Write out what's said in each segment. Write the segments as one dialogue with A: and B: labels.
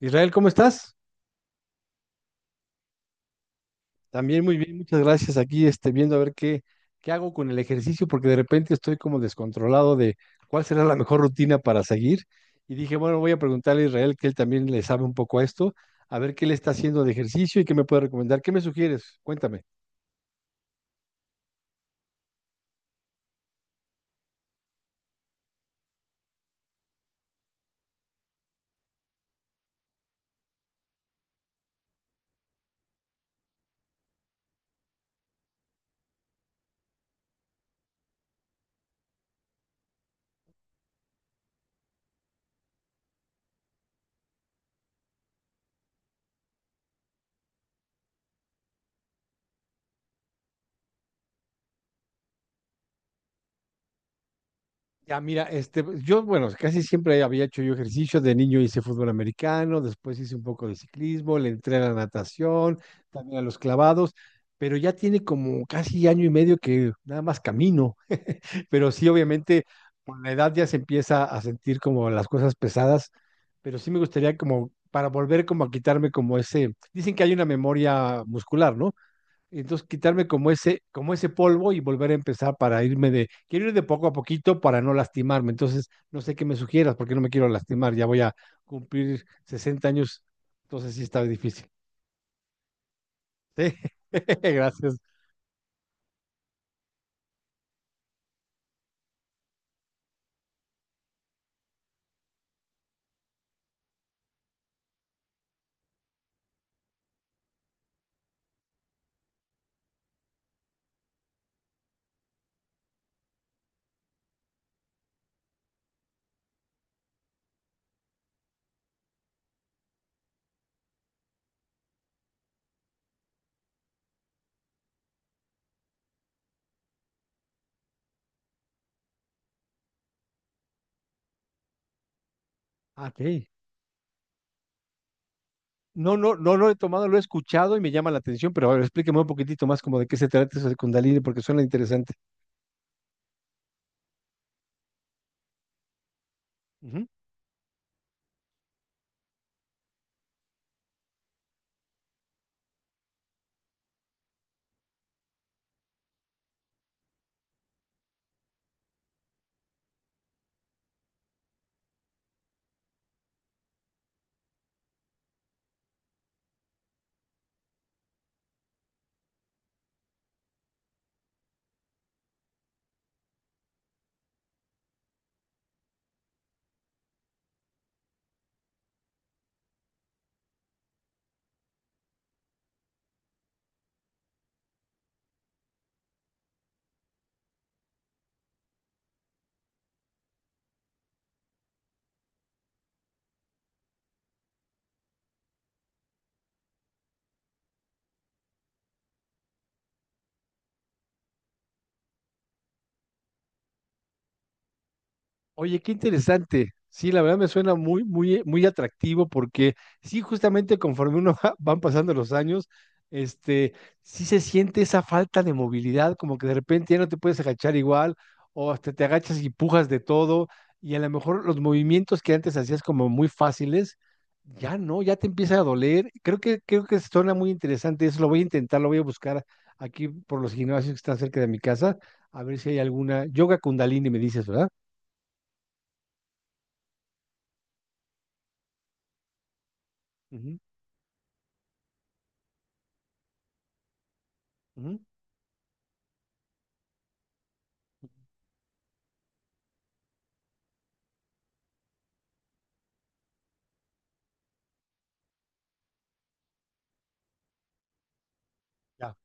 A: Israel, ¿cómo estás? También muy bien, muchas gracias. Aquí viendo a ver qué hago con el ejercicio, porque de repente estoy como descontrolado de cuál será la mejor rutina para seguir. Y dije, bueno, voy a preguntarle a Israel, que él también le sabe un poco a esto, a ver qué le está haciendo de ejercicio y qué me puede recomendar. ¿Qué me sugieres? Cuéntame. Ya, mira, yo, bueno, casi siempre había hecho yo ejercicio. De niño hice fútbol americano, después hice un poco de ciclismo, le entré a la natación, también a los clavados, pero ya tiene como casi año y medio que nada más camino. Pero sí, obviamente, con la edad ya se empieza a sentir como las cosas pesadas, pero sí me gustaría como para volver como a quitarme como ese, dicen que hay una memoria muscular, ¿no? Entonces, quitarme como ese polvo y volver a empezar para irme de, quiero ir de poco a poquito para no lastimarme. Entonces, no sé qué me sugieras porque no me quiero lastimar. Ya voy a cumplir 60 años, entonces sí está difícil. Sí, gracias. Ah, ok. No, no, no lo he tomado, lo he escuchado y me llama la atención, pero a ver, explíqueme un poquitito más como de qué se trata eso de Kundalini porque suena interesante. Oye, qué interesante. Sí, la verdad me suena muy, muy, muy atractivo porque sí, justamente conforme uno van pasando los años, este, sí se siente esa falta de movilidad, como que de repente ya no te puedes agachar igual, o hasta te agachas y pujas de todo, y a lo mejor los movimientos que antes hacías como muy fáciles, ya no, ya te empieza a doler. Creo que suena muy interesante eso, lo voy a intentar, lo voy a buscar aquí por los gimnasios que están cerca de mi casa, a ver si hay alguna. Yoga Kundalini me dices, ¿verdad? Ujú. Ujú, ya,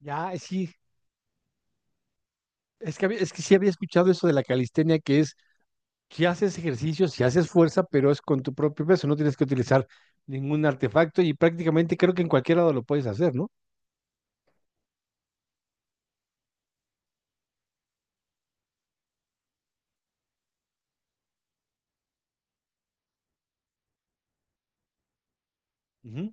A: ya, sí, es que, es que sí había escuchado eso de la calistenia, que es, si haces ejercicio, si haces fuerza, pero es con tu propio peso, no tienes que utilizar ningún artefacto y prácticamente creo que en cualquier lado lo puedes hacer, ¿no? Ujú.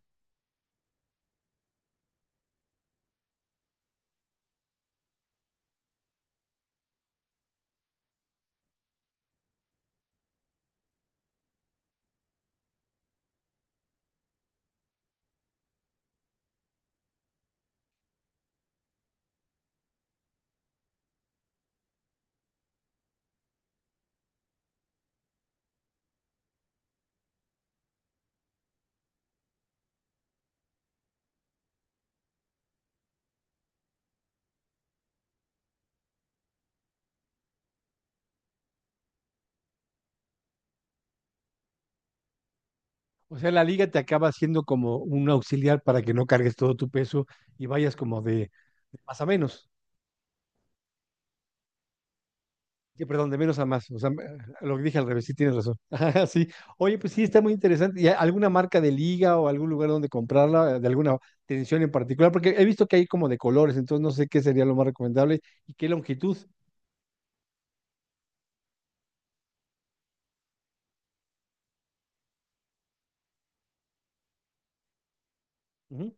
A: O sea, la liga te acaba siendo como un auxiliar para que no cargues todo tu peso y vayas como de más a menos. Que, perdón, de menos a más. O sea, lo que dije al revés, sí tienes razón. Ajá, sí. Oye, pues sí, está muy interesante. ¿Y alguna marca de liga o algún lugar donde comprarla, de alguna tensión en particular? Porque he visto que hay como de colores, entonces no sé qué sería lo más recomendable y qué longitud. Ujú.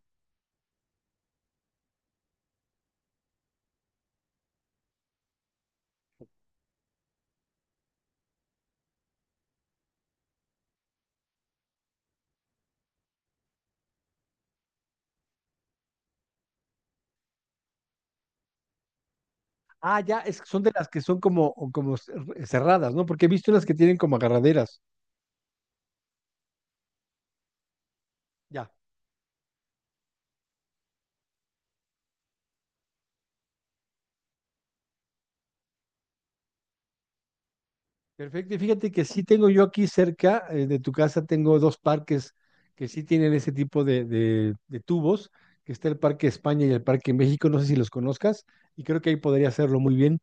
A: Ah, ya, es, son de las que son como cerradas, ¿no? Porque he visto las que tienen como agarraderas. Ya. Perfecto, y fíjate que sí tengo yo aquí cerca de tu casa, tengo dos parques que sí tienen ese tipo de, de tubos, que está el Parque España y el Parque México, no sé si los conozcas, y creo que ahí podría hacerlo muy bien.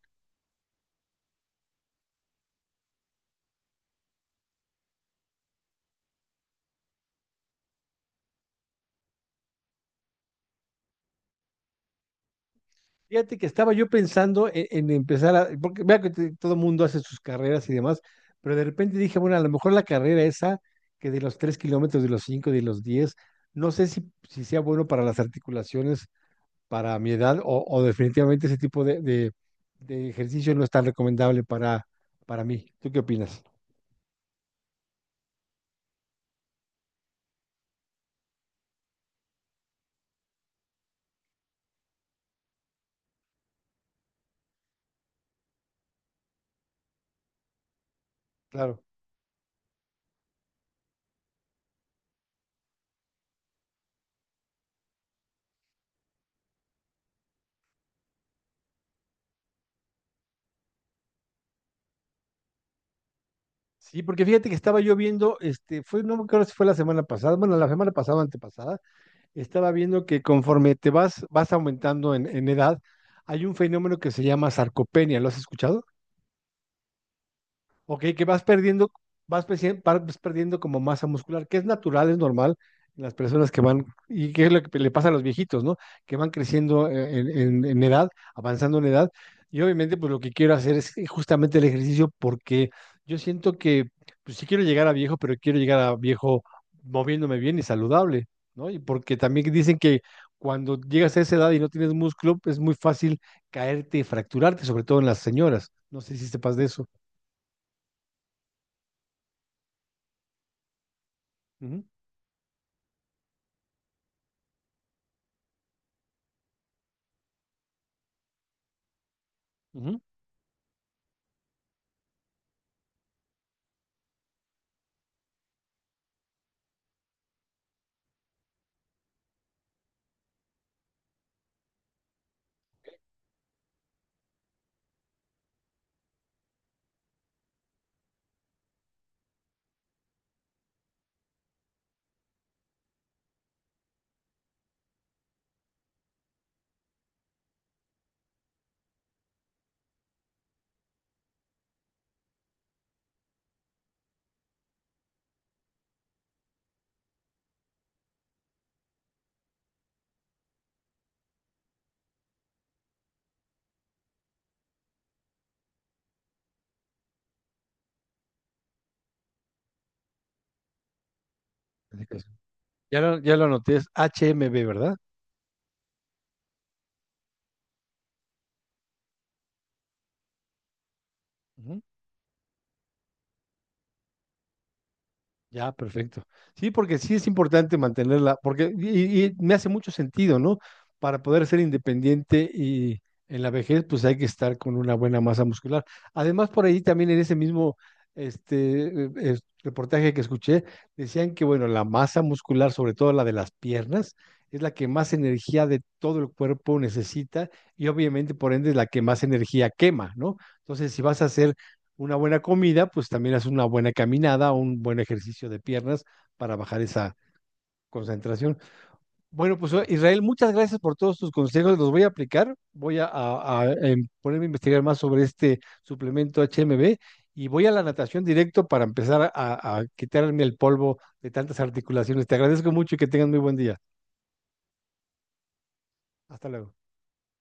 A: Fíjate que estaba yo pensando en empezar a, porque vea que todo mundo hace sus carreras y demás, pero de repente dije, bueno, a lo mejor la carrera esa, que de los 3 kilómetros, de los 5, de los 10, no sé si sea bueno para las articulaciones para mi edad o definitivamente ese tipo de, de ejercicio no es tan recomendable para mí. ¿Tú qué opinas? Claro. Sí, porque fíjate que estaba yo viendo, fue, no me acuerdo si fue la semana pasada, bueno, la semana pasada o antepasada, estaba viendo que conforme te vas, vas aumentando en edad, hay un fenómeno que se llama sarcopenia. ¿Lo has escuchado? Ok, que vas perdiendo, vas perdiendo como masa muscular, que es natural, es normal en las personas que van, y que es lo que le pasa a los viejitos, ¿no? Que van creciendo en edad, avanzando en edad. Y obviamente, pues lo que quiero hacer es justamente el ejercicio porque yo siento que, pues sí quiero llegar a viejo, pero quiero llegar a viejo moviéndome bien y saludable, ¿no? Y porque también dicen que cuando llegas a esa edad y no tienes músculo, es muy fácil caerte y fracturarte, sobre todo en las señoras. No sé si sepas de eso. Ujú. Así que, ya lo, ya lo anoté, es HMB, ¿verdad? Ujú. Ya, perfecto. Sí, porque sí es importante mantenerla, porque y me hace mucho sentido, ¿no? Para poder ser independiente y en la vejez, pues hay que estar con una buena masa muscular. Además, por ahí también en ese mismo reportaje que escuché, decían que, bueno, la masa muscular, sobre todo la de las piernas, es la que más energía de todo el cuerpo necesita y obviamente, por ende, es la que más energía quema, ¿no? Entonces, si vas a hacer una buena comida, pues también haces una buena caminada, un buen ejercicio de piernas para bajar esa concentración. Bueno, pues Israel, muchas gracias por todos tus consejos, los voy a aplicar, voy a, ponerme a investigar más sobre este suplemento HMB y voy a la natación directo para empezar a quitarme el polvo de tantas articulaciones. Te agradezco mucho y que tengas muy buen día. Hasta luego.